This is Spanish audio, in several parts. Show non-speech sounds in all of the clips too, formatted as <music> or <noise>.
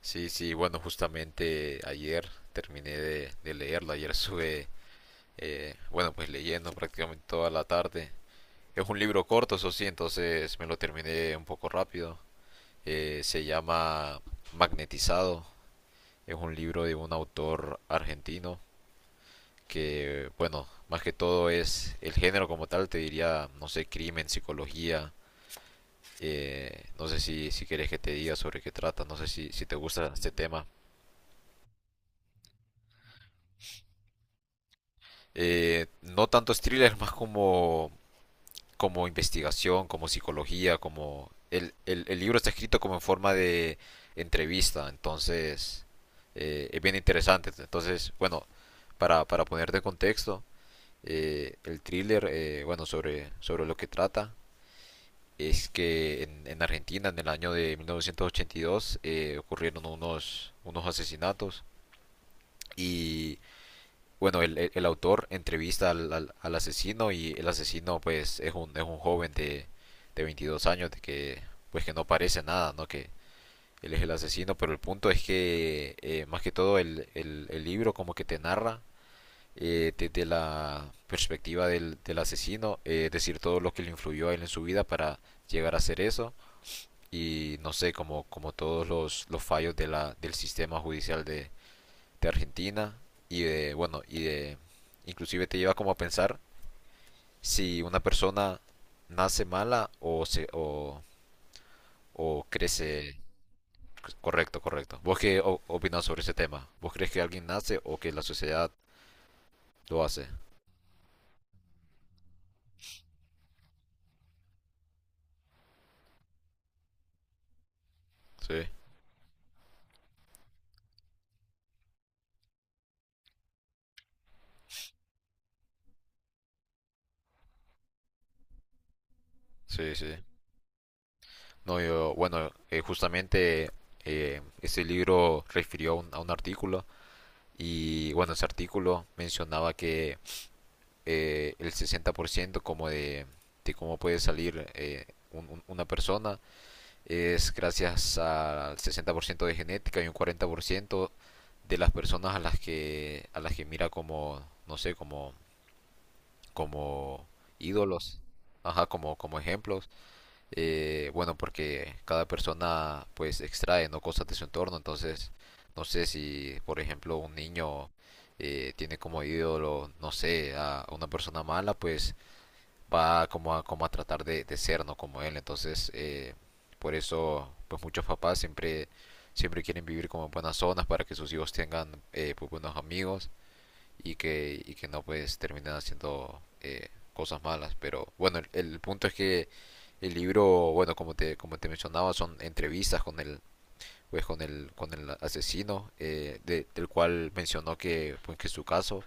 Sí, sí, bueno, justamente ayer terminé de leerlo, ayer sube, bueno, pues leyendo prácticamente toda la tarde. Es un libro corto, eso sí, entonces me lo terminé un poco rápido. Se llama Magnetizado. Es un libro de un autor argentino que, bueno, más que todo es el género como tal, te diría, no sé, crimen, psicología. No sé si quieres que te diga sobre qué trata, no sé si te gusta este tema. No tanto es thriller, <laughs> más como investigación, como psicología. El libro está escrito como en forma de entrevista, entonces es bien interesante. Entonces, bueno, para ponerte en contexto, el thriller, bueno, sobre lo que trata, es que en Argentina, en el año de 1982, ocurrieron unos asesinatos. Y bueno, el autor entrevista al asesino, y el asesino pues es un joven de 22 años, de que pues que no parece nada, ¿no? Que él es el asesino, pero el punto es que, más que todo el libro como que te narra, desde la perspectiva del asesino. Es decir, todo lo que le influyó a él en su vida para llegar a hacer eso, y no sé, como todos los fallos de la, del sistema judicial de Argentina y de, bueno, y de, inclusive te lleva como a pensar si una persona nace mala, o crece. Correcto, correcto. ¿Vos qué opinás sobre ese tema? ¿Vos crees que alguien nace o que la sociedad lo hace? Sí, sí, sí. No, yo, bueno, justamente, ese libro refirió a un artículo, y bueno, ese artículo mencionaba que, el 60% como cómo puede salir, una persona, es gracias al 60% de genética y un 40% de las personas a las que mira como, no sé, como ídolos. Ajá, como ejemplos. Bueno, porque cada persona pues extrae no cosas de su entorno, entonces no sé si, por ejemplo, un niño, tiene como ídolo, no sé, a una persona mala, pues va como a tratar de ser, ¿no? Como él. Entonces, por eso, pues muchos papás siempre quieren vivir como en buenas zonas, para que sus hijos tengan, pues, buenos amigos, y que, no pues terminen haciendo, cosas malas. Pero bueno, el punto es que el libro, bueno, como te mencionaba, son entrevistas con el, pues, con el asesino, del cual mencionó que, pues, que su caso,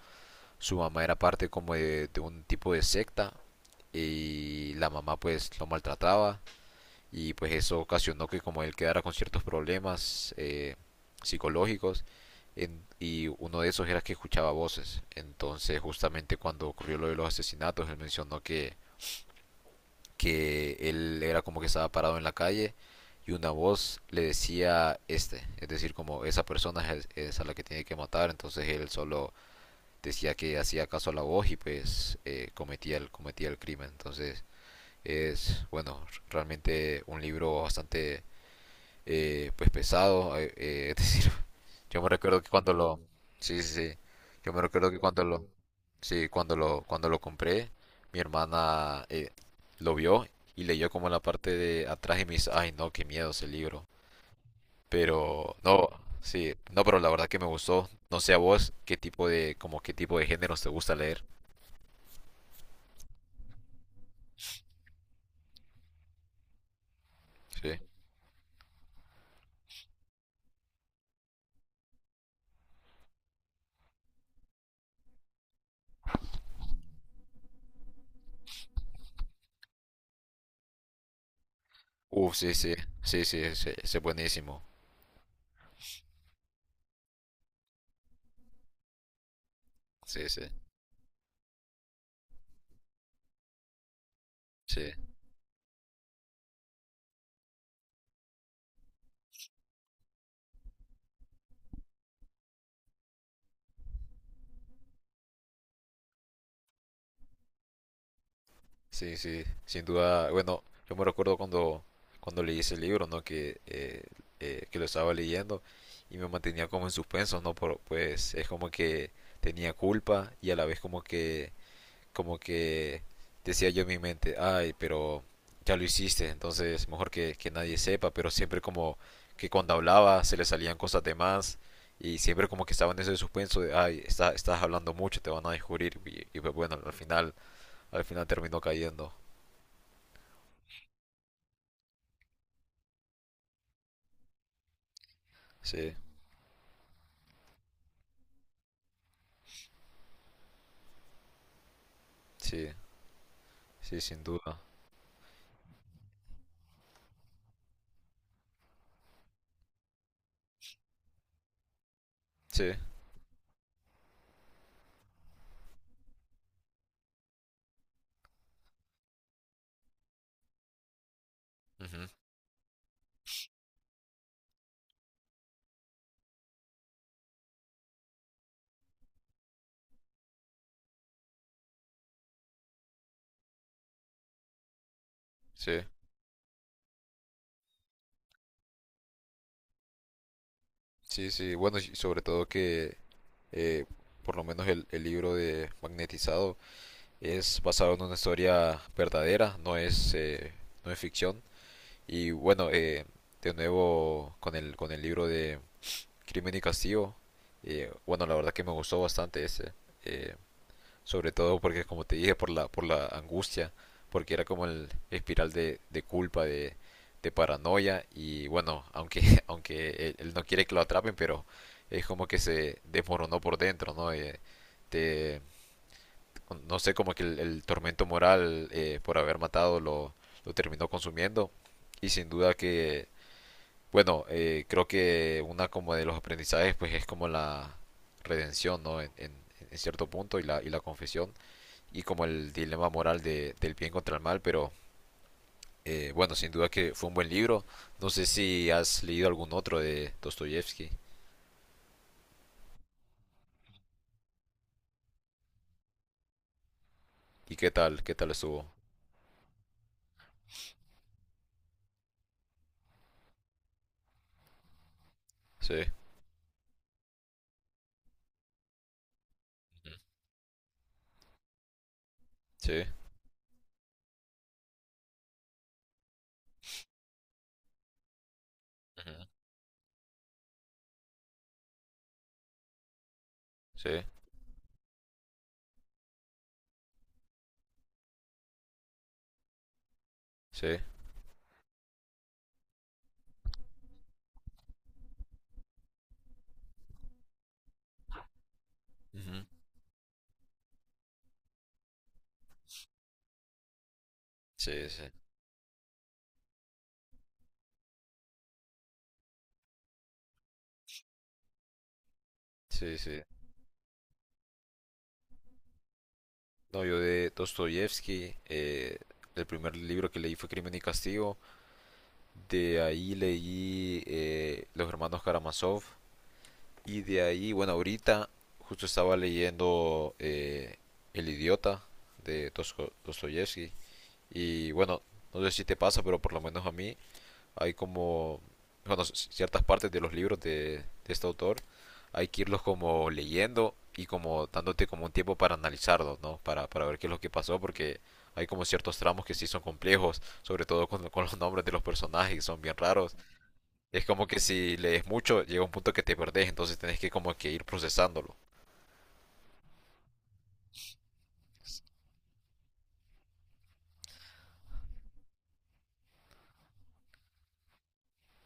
su mamá era parte como de un tipo de secta, y la mamá pues lo maltrataba, y pues eso ocasionó que como él quedara con ciertos problemas, psicológicos, y uno de esos era que escuchaba voces. Entonces justamente cuando ocurrió lo de los asesinatos, él mencionó que él era como que estaba parado en la calle, y una voz le decía, este, es decir, como esa persona es a la que tiene que matar. Entonces él solo decía que hacía caso a la voz, y pues, cometía el crimen. Entonces es, bueno, realmente un libro bastante, pues, pesado. <laughs> Es decir, <laughs> yo me recuerdo que cuando lo... Sí, sí, sí. Yo me recuerdo que cuando lo... Sí, cuando lo compré, mi hermana, lo vio, y leyó como la parte de atrás y me dice, ay no, qué miedo ese libro. Pero no, sí, no, pero la verdad que me gustó. No sé a vos qué tipo de, como qué tipo de géneros te gusta leer. Sí. Sí, sí, sí, sí, sí, sí, buenísimo. Sí, sí, sí, sí, sí, sin duda. Bueno, yo me recuerdo cuando leí ese libro, ¿no? Que lo estaba leyendo, y me mantenía como en suspenso, ¿no? Pues es como que tenía culpa, y a la vez como que, como que decía yo en mi mente, ay, pero ya lo hiciste, entonces mejor que, nadie sepa. Pero siempre como que cuando hablaba se le salían cosas de más, y siempre como que estaba en ese suspenso de, ay, estás hablando mucho, te van a descubrir, y, pues bueno, al final terminó cayendo. Sí, sí, sí, sin duda. Sí, ujú, sí, sí, sí, bueno, y sobre todo que, eh, por lo menos el libro de Magnetizado es basado en una historia verdadera, no es ficción. Y bueno, de nuevo con el, libro de Crimen y Castigo. Bueno, la verdad que me gustó bastante ese. eh, Sobre todo porque, como te dije, por la, angustia, porque era como el espiral de, culpa, de, paranoia. Y bueno, aunque, <laughs> aunque él no quiere que lo atrapen, pero es como que se desmoronó por dentro, ¿no? Te, no sé, como que el tormento moral, por haber matado, lo terminó consumiendo. Y sin duda que, bueno, creo que una como de los aprendizajes, pues es como la redención, ¿no? En cierto punto, y la, confesión y como el dilema moral del bien contra el mal. Pero, bueno, sin duda que fue un buen libro. No sé si has leído algún otro de Dostoyevsky, y qué tal estuvo. Sí, ujú, sí, ujú, sí, sí, ujú, sí, sí, sí, sí. No, yo de Dostoyevsky, el primer libro que leí fue Crimen y Castigo. De ahí leí, Los Hermanos Karamazov. Y de ahí, bueno, ahorita justo estaba leyendo, El Idiota de Dostoyevsky. Y bueno, no sé si te pasa, pero por lo menos a mí hay como, bueno, ciertas partes de los libros de este autor, hay que irlos como leyendo y como dándote como un tiempo para analizarlos, ¿no? Para ver qué es lo que pasó, porque hay como ciertos tramos que sí son complejos, sobre todo con los nombres de los personajes, que son bien raros. Es como que si lees mucho, llega un punto que te perdés, entonces tenés que como que ir procesándolo.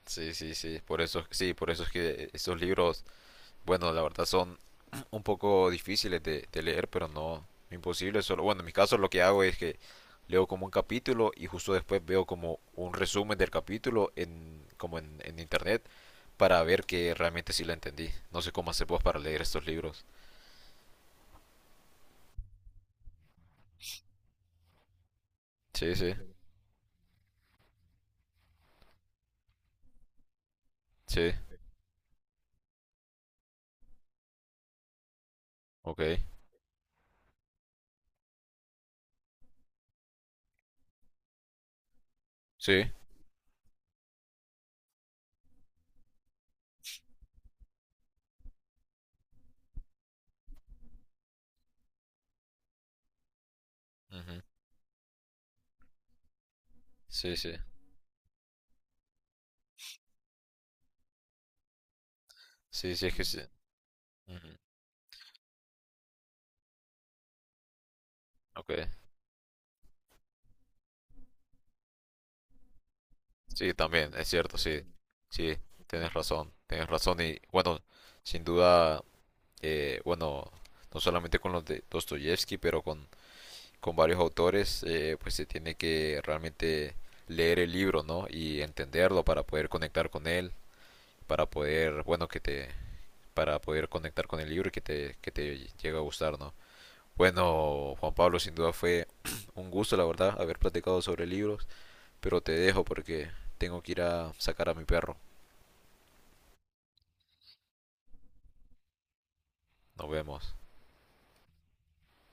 Sí, sí, sí, por eso es que esos libros, bueno, la verdad son un poco difíciles de leer, pero no imposible. Solo, bueno, en mi caso lo que hago es que leo como un capítulo, y justo después veo como un resumen del capítulo en, como en internet, para ver que realmente sí la entendí. No sé cómo hacer vos para leer estos libros. Sí, sí, sí, ok, sí, ujú, sí, sí, sí, sí, es que sí, ujú, ok, sí, también, es cierto, sí, sí, tienes razón, tienes razón, y bueno, sin duda, bueno, no solamente con los de Dostoyevsky, pero con varios autores, pues se tiene que realmente leer el libro, ¿no? Y entenderlo para poder conectar con él, para poder, bueno, que te, para poder conectar con el libro y que te llegue a gustar, ¿no? Bueno, Juan Pablo, sin duda fue <clears throat> un gusto, la verdad, haber platicado sobre libros, pero te dejo porque tengo que ir a sacar a mi perro. Nos vemos.